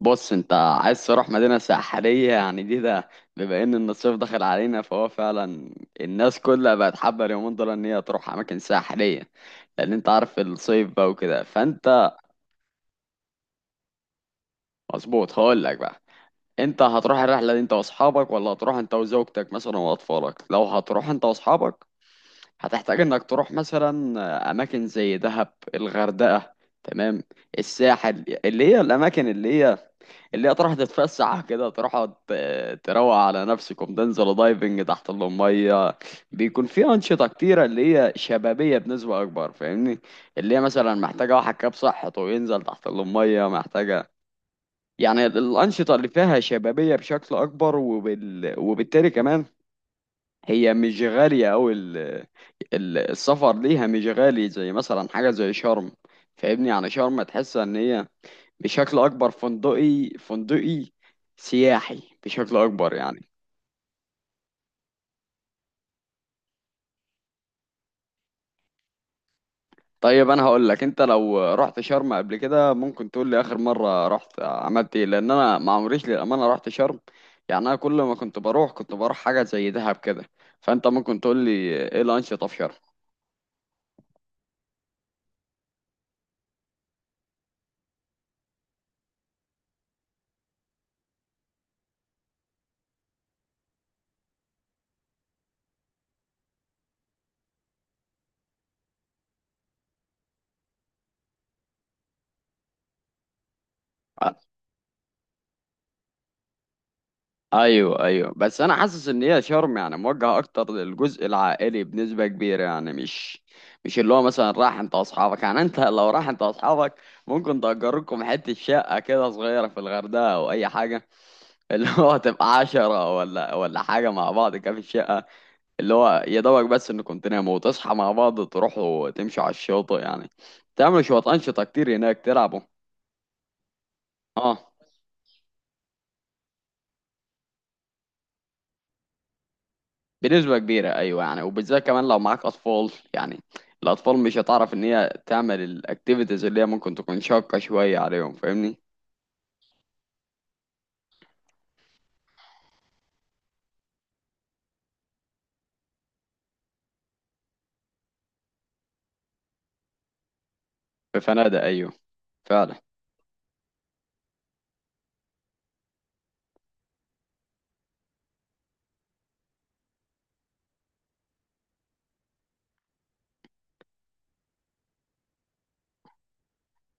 بص انت عايز تروح مدينة ساحلية، يعني ده بما إن الصيف دخل علينا، فهو فعلا الناس كلها بقت حابة اليومين دول ان هي تروح اماكن ساحلية، لان انت عارف الصيف بقى وكده فانت مظبوط. هقول لك بقى، انت هتروح الرحلة دي انت واصحابك ولا هتروح انت وزوجتك مثلا واطفالك؟ لو هتروح انت واصحابك هتحتاج انك تروح مثلا اماكن زي دهب، الغردقة، تمام؟ الساحل، اللي هي الاماكن اللي هي تروح تتفسح كده، تروح تروق على نفسكم، تنزل دايفنج تحت المية. بيكون في أنشطة كتيرة اللي هي شبابية بنسبة أكبر، فاهمني؟ اللي هي مثلا محتاجة واحد كاب صحته وينزل تحت المية، محتاجة يعني الأنشطة اللي فيها شبابية بشكل أكبر. وبالتالي كمان هي مش غالية أوي. السفر ليها مش غالي زي مثلا حاجة زي شرم. فاهمني؟ يعني شرم تحس إن هي بشكل أكبر فندقي سياحي بشكل أكبر يعني. طيب أنا هقول لك، أنت لو رحت شرم قبل كده ممكن تقول لي آخر مرة رحت عملت إيه؟ لأن أنا ما عمريش، للأمانة، رحت شرم. يعني أنا كل ما كنت بروح كنت بروح حاجة زي دهب كده، فأنت ممكن تقول لي إيه الأنشطة في شرم. ايوه ايوه، بس انا حاسس ان هي شرم يعني موجهه اكتر للجزء العائلي بنسبه كبيره، يعني مش اللي هو مثلا راح انت واصحابك. يعني انت لو راح انت واصحابك ممكن تأجر لكم حته شقه كده صغيره في الغردقه او اي حاجه، اللي هو تبقى 10 ولا حاجه مع بعض كده في الشقه، اللي هو يا دوبك بس انكم تناموا وتصحى مع بعض، تروحوا تمشوا على الشاطئ، يعني تعملوا شويه انشطه كتير هناك، تلعبوا. اه، بنسبة كبيرة أيوة، يعني وبالذات كمان لو معاك أطفال، يعني الأطفال مش هتعرف إن هي تعمل الأكتيفيتيز اللي هي ممكن تكون شاقة شوية عليهم، فاهمني؟ في فنادق أيوة، فعلا.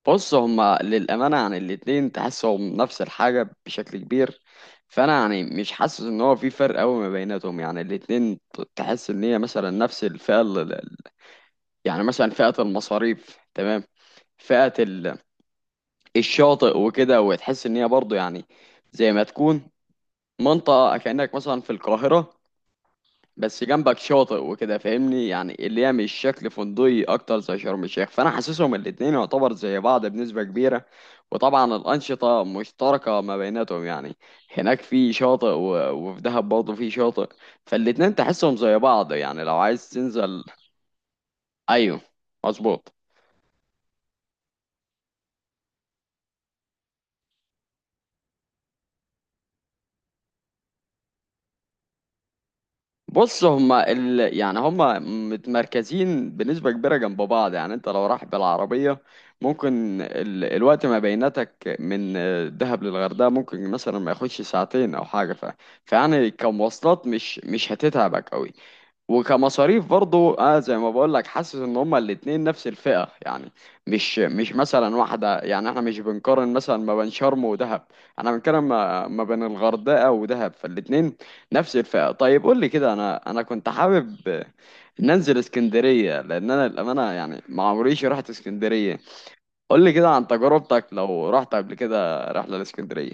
بص هما للأمانة يعني الاتنين تحسهم نفس الحاجة بشكل كبير، فأنا يعني مش حاسس إن هو في فرق أوي ما بيناتهم. يعني الاتنين تحس إن هي مثلا نفس الفئة. يعني مثلا فئة المصاريف، تمام؟ فئة الشاطئ وكده، وتحس إن هي برضه يعني زي ما تكون منطقة كأنك مثلا في القاهرة بس جنبك شاطئ وكده، فاهمني؟ يعني اللي هي مش شكل فندقي أكتر زي شرم الشيخ، فأنا حاسسهم الاتنين يعتبر زي بعض بنسبة كبيرة. وطبعا الأنشطة مشتركة ما بيناتهم، يعني هناك في شاطئ، وفي دهب برضه في شاطئ، فالاتنين تحسهم زي بعض، يعني لو عايز تنزل. أيوه مظبوط. بص هما يعني هما متمركزين بنسبة كبيرة جنب بعض، يعني انت لو رايح بالعربية ممكن الوقت ما بينتك من دهب للغردقة ممكن مثلا ما ياخدش ساعتين او حاجة. فيعني كمواصلات مش هتتعبك قوي، وكمصاريف برضو اه زي ما بقول لك، حاسس ان هما الاتنين نفس الفئة، يعني مش مثلا واحدة. يعني احنا مش بنقارن مثلا ما بين شرم ودهب، انا بنتكلم ما بين الغردقة ودهب، فالاتنين نفس الفئة. طيب قول لي كده، انا كنت حابب ننزل اسكندرية، لان انا الامانة يعني ما عمريش رحت اسكندرية. قول لي كده عن تجربتك لو رحت قبل كده رحلة لاسكندرية.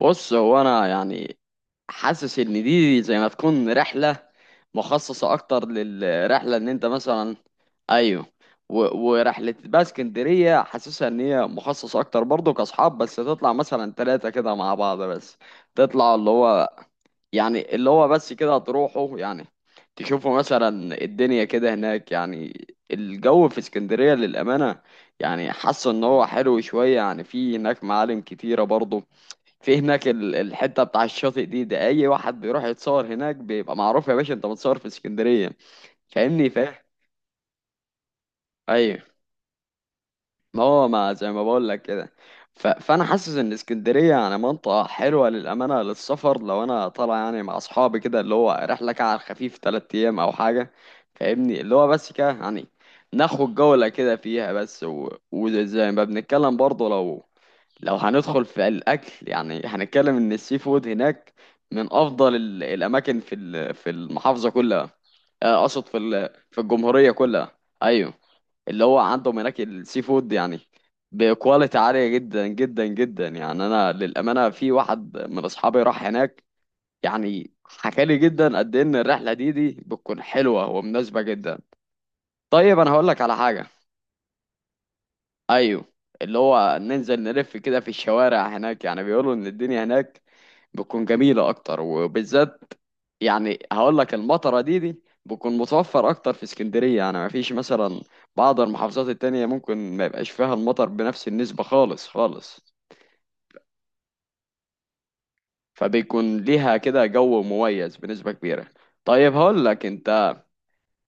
بص هو انا يعني حاسس ان دي زي ما تكون رحله مخصصه اكتر للرحله ان انت مثلا. ايوه. ورحله بقى اسكندريه حاسسها ان هي مخصصه اكتر برضه كاصحاب، بس تطلع مثلا 3 كده مع بعض بس، تطلع اللي هو يعني اللي هو بس كده، تروحوا يعني تشوفوا مثلا الدنيا كده هناك. يعني الجو في اسكندريه للامانه يعني حاسه ان هو حلو شويه، يعني في هناك معالم كتيره برضه، في هناك الحته بتاع الشاطئ ده اي واحد بيروح يتصور هناك بيبقى معروف، يا باشا انت متصور في اسكندريه، فاهمني؟ فاهم. ايوه، ما هو ما زي ما بقول لك كده. فانا حاسس ان اسكندريه يعني منطقه حلوه للامانه للسفر، لو انا طالع يعني مع اصحابي كده اللي هو رحله كده على الخفيف 3 ايام او حاجه، فاهمني؟ اللي هو بس كده يعني ناخد جوله كده فيها بس. وزي ما بنتكلم برضه، لو لو هندخل في الاكل، يعني هنتكلم ان السي فود هناك من افضل الاماكن في في المحافظه كلها، اقصد في في الجمهوريه كلها، ايوه. اللي هو عندهم هناك السي فود يعني بكواليتي عاليه جدا جدا جدا. يعني انا للامانه في واحد من اصحابي راح هناك، يعني حكى لي جدا قد إيه ان الرحله دي بتكون حلوه ومناسبه جدا. طيب انا هقول لك على حاجه، ايوه، اللي هو ننزل نلف كده في الشوارع هناك. يعني بيقولوا ان الدنيا هناك بتكون جميلة اكتر، وبالذات يعني هقول لك المطرة دي بتكون متوفر اكتر في اسكندرية، يعني ما فيش مثلا بعض المحافظات التانية ممكن ما يبقاش فيها المطر بنفس النسبة خالص خالص. فبيكون ليها كده جو مميز بنسبة كبيرة. طيب هقول لك، انت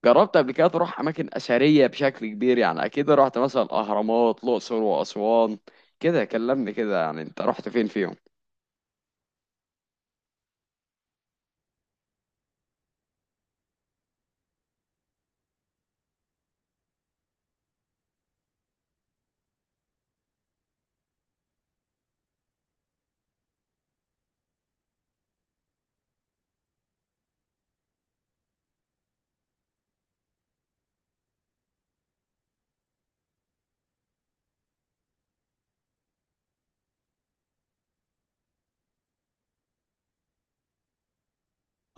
جربت قبل كده تروح اماكن اثريه بشكل كبير؟ يعني اكيد رحت مثلا الاهرامات، الاقصر، واسوان. كده كلمني كده، يعني انت رحت فين فيهم؟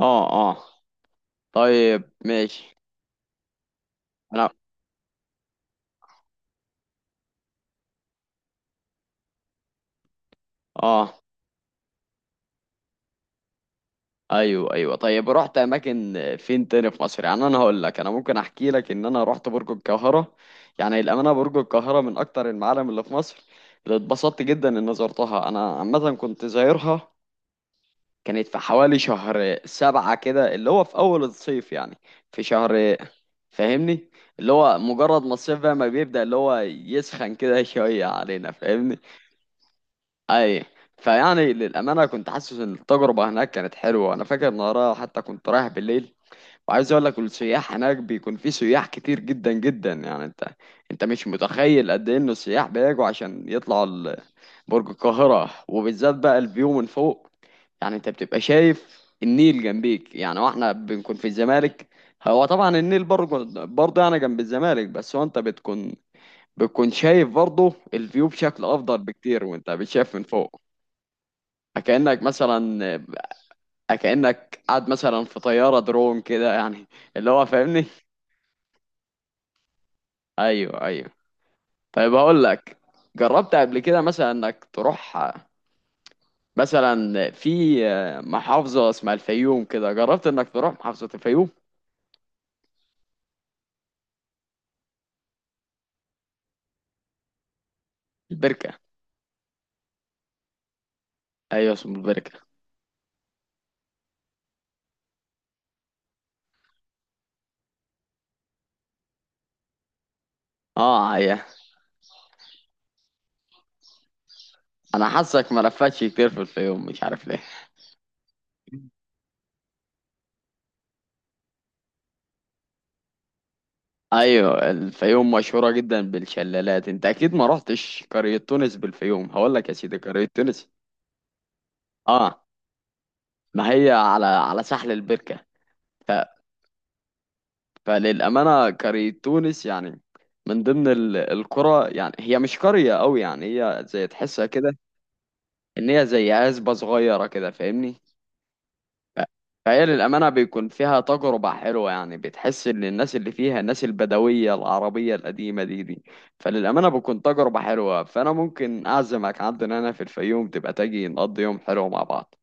اه، اه، طيب ماشي، انا اه. ايوه ايوه، طيب رحت اماكن فين تاني في مصر؟ يعني انا هقول لك، انا ممكن احكي لك ان انا رحت برج القاهره. يعني الامانه برج القاهره من اكتر المعالم اللي في مصر اللي اتبسطت جدا ان زرتها. انا عامه كنت زايرها، كانت في حوالي شهر 7 كده، اللي هو في أول الصيف يعني، في شهر، فاهمني؟ اللي هو مجرد ما الصيف بقى ما بيبدأ اللي هو يسخن كده شوية علينا، فاهمني؟ أي. فيعني للأمانة كنت حاسس إن التجربة هناك كانت حلوة. أنا فاكر إن وراها حتى كنت رايح بالليل، وعايز اقول لك السياح هناك بيكون في سياح كتير جدا جدا. يعني انت مش متخيل قد ايه ان السياح بيجوا عشان يطلعوا برج القاهرة، وبالذات بقى الفيو من فوق. يعني انت بتبقى شايف النيل جنبيك، يعني واحنا بنكون في الزمالك. هو طبعا النيل برضه يعني جنب الزمالك، بس هو انت بتكون شايف برضه الفيو بشكل افضل بكتير، وانت بتشاف من فوق، كأنك مثلا كأنك قاعد مثلا في طيارة درون كده يعني، اللي هو فاهمني. ايوه ايوه. طيب هقول لك، جربت قبل كده مثلا انك تروح مثلا في محافظة اسمها الفيوم كده؟ جربت انك تروح محافظة الفيوم؟ البركة. ايوه اسم البركة. اه، ايوه، انا حاسك ما لفتش كتير في الفيوم، مش عارف ليه. ايوه، الفيوم مشهورة جدا بالشلالات، انت اكيد ما رحتش قرية تونس بالفيوم. هقول لك يا سيدي، قرية تونس، اه، ما هي على على ساحل البركة. فللأمانة قرية تونس يعني من ضمن القرى، يعني هي مش قرية أوي، يعني هي زي تحسها كده إن هي زي عزبة صغيرة كده، فاهمني؟ ف- فهي للأمانة بيكون فيها تجربة حلوة. يعني بتحس إن الناس اللي فيها الناس البدوية العربية القديمة دي. فللأمانة بتكون تجربة حلوة. فأنا ممكن أعزمك عندنا هنا في الفيوم، تبقى تجي نقضي يوم حلو مع بعض.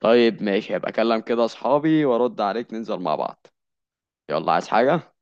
طيب ماشي، هبقى أكلم كده أصحابي وأرد عليك ننزل مع بعض. يلا عايز حاجة؟